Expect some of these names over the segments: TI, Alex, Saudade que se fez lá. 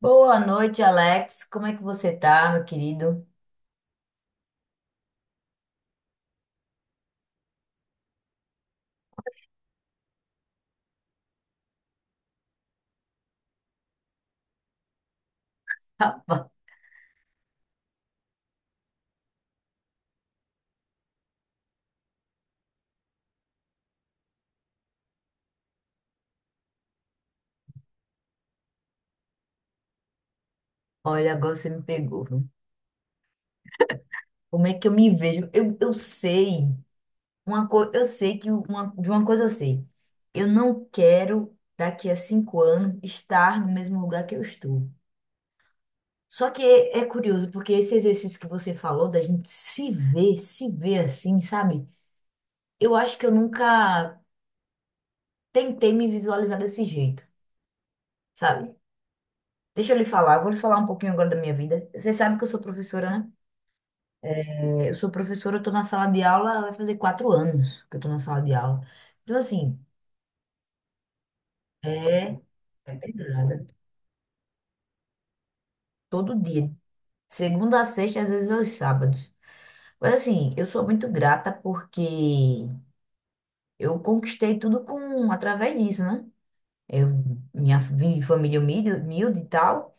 Boa noite, Alex. Como é que você tá, meu querido? Olha, agora você me pegou, viu? Como é que eu me vejo? Eu sei uma coisa, eu sei que uma, de uma coisa eu sei. Eu não quero daqui a 5 anos estar no mesmo lugar que eu estou. Só que é curioso porque esse exercício que você falou da gente se ver, se ver assim, sabe? Eu acho que eu nunca tentei me visualizar desse jeito, sabe? Deixa eu lhe falar, eu vou lhe falar um pouquinho agora da minha vida. Você sabe que eu sou professora, né? Eu sou professora, eu tô na sala de aula, vai fazer 4 anos que eu tô na sala de aula. Então, assim, é é pegada. Todo dia. Segunda a sexta, às vezes aos sábados. Mas, assim, eu sou muito grata porque eu conquistei tudo com, através disso, né? Eu, minha vim de família humilde, humilde e tal.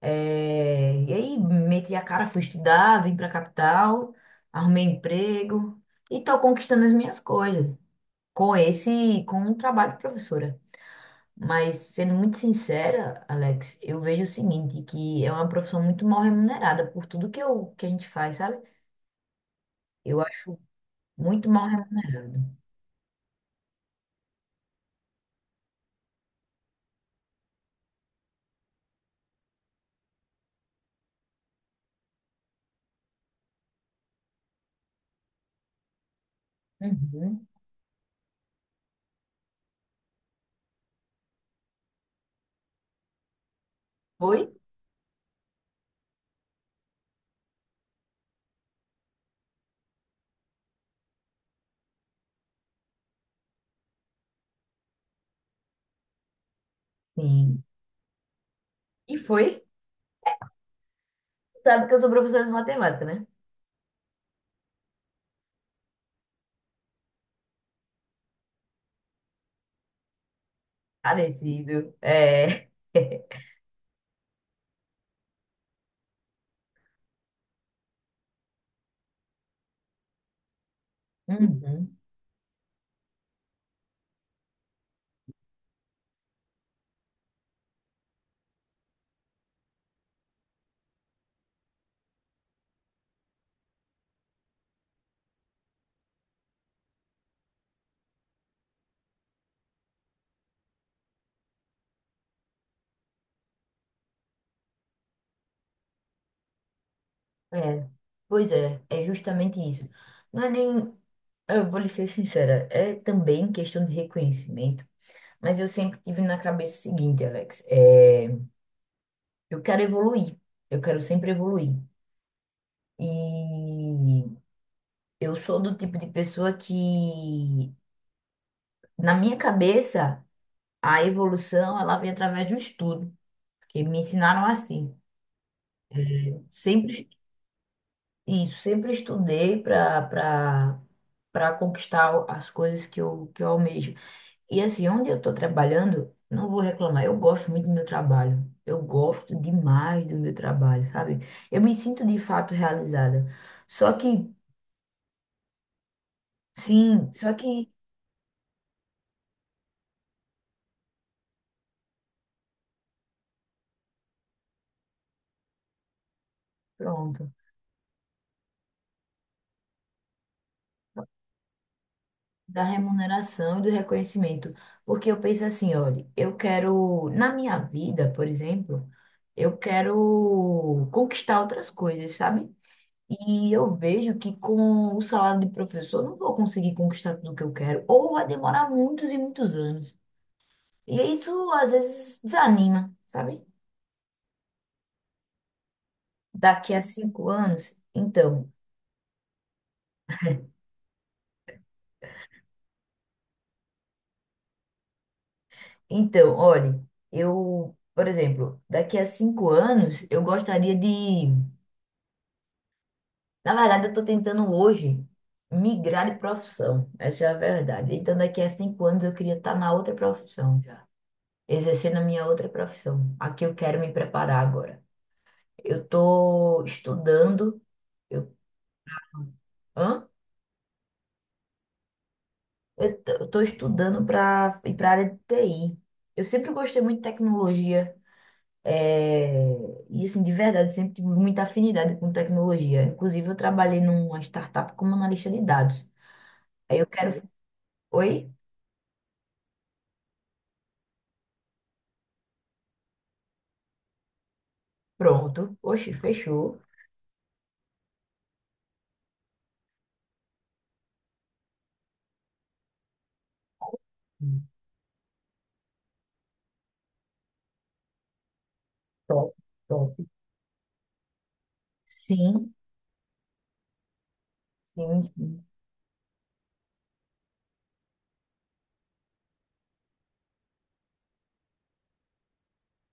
E aí, meti a cara, fui estudar, vim pra capital, arrumei emprego e tô conquistando as minhas coisas com esse, com o trabalho de professora. Mas, sendo muito sincera, Alex, eu vejo o seguinte, que é uma profissão muito mal remunerada por tudo que, eu, que a gente faz, sabe? Eu acho muito mal remunerado. Uhum. Foi? Sim. E foi? Sabe que eu sou professora de matemática, né? Parecido. É. Uhum. É. Pois é, é justamente isso. Não é nem, eu vou lhe ser sincera, é também questão de reconhecimento, mas eu sempre tive na cabeça o seguinte, Alex, é... Eu quero evoluir. Eu quero sempre evoluir. E eu sou do tipo de pessoa que, na minha cabeça, a evolução ela vem através do estudo, porque me ensinaram assim. Sempre isso, sempre estudei para conquistar as coisas que eu almejo. E assim, onde eu estou trabalhando, não vou reclamar. Eu gosto muito do meu trabalho. Eu gosto demais do meu trabalho, sabe? Eu me sinto de fato realizada. Só que Sim, só que, pronto, da remuneração e do reconhecimento. Porque eu penso assim, olha, eu quero, na minha vida, por exemplo, eu quero conquistar outras coisas, sabe? E eu vejo que com o salário de professor eu não vou conseguir conquistar tudo o que eu quero, ou vai demorar muitos e muitos anos. E isso às vezes desanima, sabe? Daqui a cinco anos, então. Então, olha, eu, por exemplo, daqui a 5 anos, eu gostaria de. Na verdade, eu estou tentando hoje migrar de profissão. Essa é a verdade. Então, daqui a 5 anos, eu queria estar na outra profissão já, exercendo a minha outra profissão. Aqui eu quero me preparar agora. Eu estou estudando. Eu, hã? Eu estou estudando para ir para a área de TI. Eu sempre gostei muito de tecnologia. É, e assim, de verdade, sempre tive muita afinidade com tecnologia. Inclusive, eu trabalhei numa startup como analista de dados. Aí eu quero. Oi? Pronto. Oxe, fechou. Top, top. Sim, sim, sim,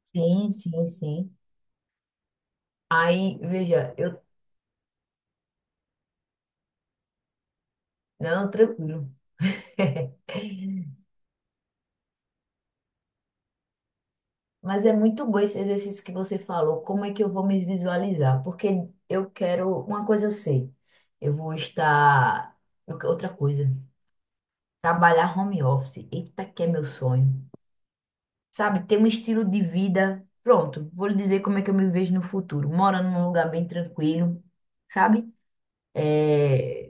sim, sim, sim. Aí, veja, eu. Não, tranquilo. Mas é muito bom esse exercício que você falou. Como é que eu vou me visualizar? Porque eu quero. Uma coisa eu sei. Eu vou estar. Outra coisa. Trabalhar home office. Eita, que é meu sonho. Sabe, ter um estilo de vida. Pronto, vou lhe dizer como é que eu me vejo no futuro. Morando num lugar bem tranquilo, sabe? É,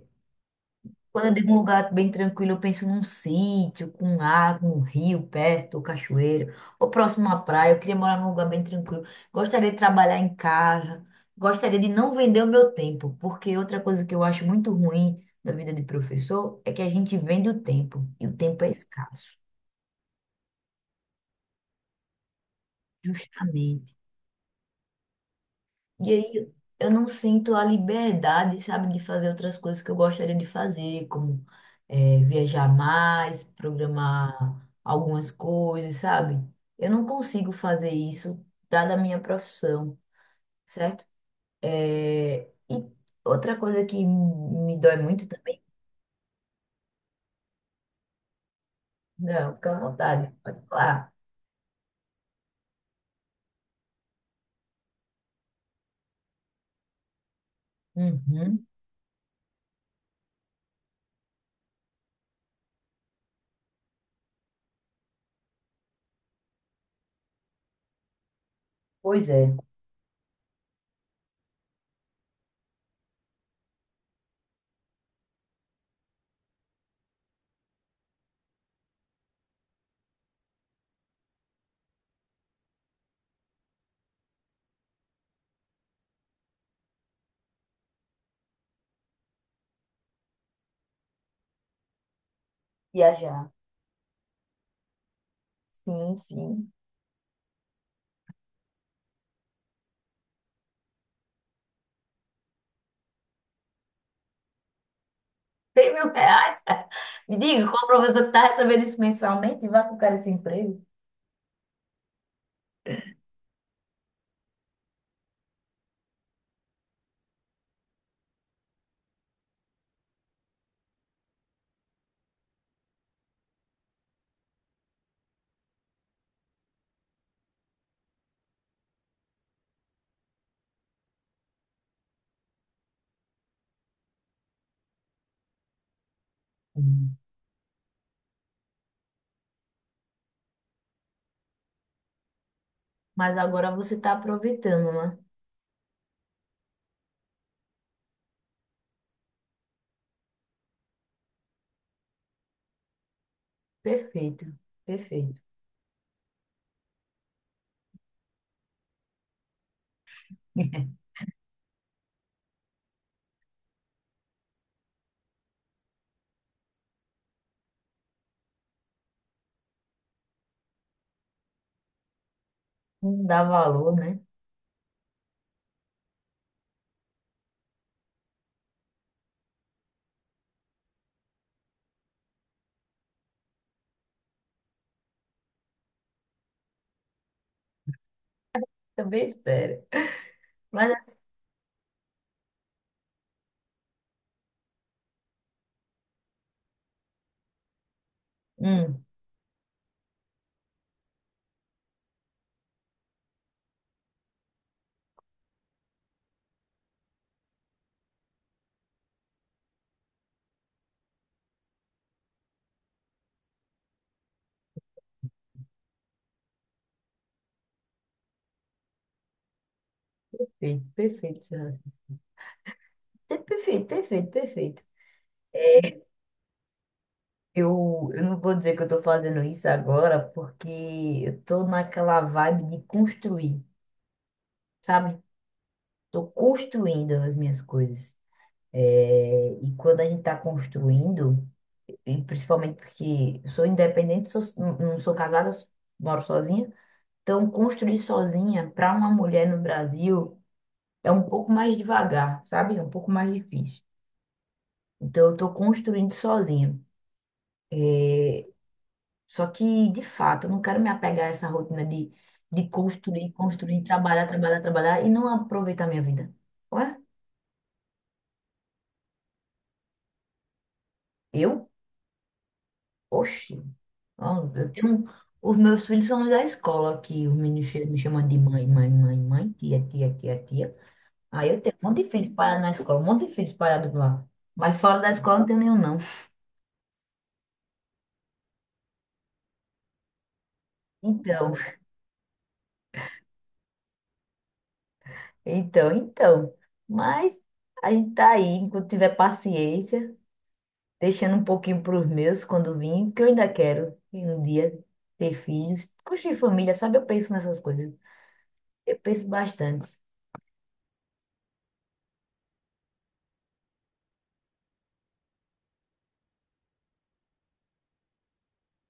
Quando eu digo um lugar bem tranquilo, eu penso num sítio, com água, um rio perto, ou cachoeira, ou próximo à praia. Eu queria morar num lugar bem tranquilo. Gostaria de trabalhar em casa. Gostaria de não vender o meu tempo, porque outra coisa que eu acho muito ruim da vida de professor é que a gente vende o tempo, e o tempo é escasso. Justamente. E aí eu não sinto a liberdade, sabe, de fazer outras coisas que eu gostaria de fazer, como viajar mais, programar algumas coisas, sabe? Eu não consigo fazer isso, dada a minha profissão, certo? E outra coisa que me dói muito também. Não, fica à vontade, pode falar. Uhum. Pois é, viajar. Sim, sim. 100 mil reais? Me diga, qual professor que tá recebendo isso mensalmente e vai pro cara esse emprego? Hum. Mas agora você está aproveitando, né? Perfeito, perfeito. Não dá valor, né? Também espera. Mas assim, hum, perfeito, perfeito, seu raciocínio. É perfeito, perfeito, perfeito. Eu não vou dizer que eu estou fazendo isso agora, porque eu estou naquela vibe de construir, sabe? Estou construindo as minhas coisas. É, e quando a gente está construindo, e principalmente porque eu sou independente, sou- não sou casada, moro sozinha. Então, construir sozinha para uma mulher no Brasil é um pouco mais devagar, sabe? É um pouco mais difícil. Então, eu estou construindo sozinha. Só que, de fato, eu não quero me apegar a essa rotina de construir, construir, trabalhar, trabalhar, trabalhar e não aproveitar a minha vida. Ué? Eu? Oxi. Ó, eu tenho... Os meus filhos são da escola aqui. Os meninos che- me chamam de mãe, mãe, mãe, mãe, tia, tia, tia, tia. Aí eu tenho um monte de filhos espalhado na escola, um monte de filhos espalhado lá. Mas fora da escola não tenho nenhum, não. Então, então. Mas a gente tá aí, enquanto tiver paciência, deixando um pouquinho para os meus quando vim, porque eu ainda quero ir um dia ter filhos, construir família, sabe? Eu penso nessas coisas. Eu penso bastante,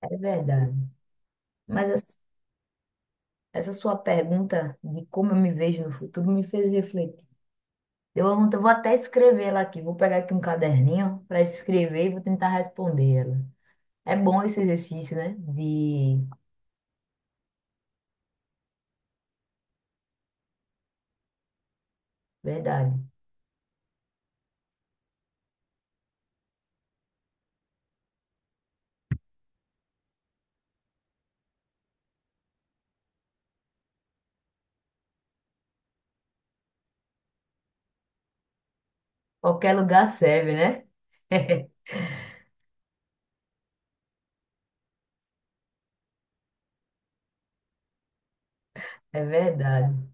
é verdade. Mas essa sua pergunta de como eu me vejo no futuro me fez refletir. Deu uma vontade, eu vou até escrever ela aqui, vou pegar aqui um caderninho para escrever e vou tentar responder ela. É bom esse exercício, né? De verdade. Qualquer lugar serve, né? É verdade.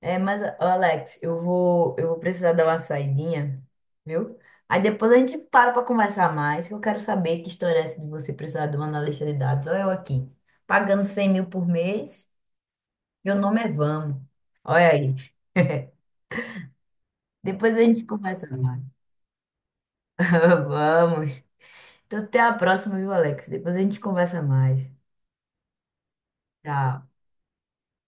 É, mas, ó, Alex, eu vou precisar dar uma saidinha, viu? Aí depois a gente para conversar mais, que eu quero saber que história é essa de você precisar de um analista de dados. Olha eu aqui, pagando 100 mil por mês, meu nome é Vamos. Olha aí. Depois a gente conversa mais. Vamos. Então até a próxima, viu, Alex? Depois a gente conversa mais. Tchau.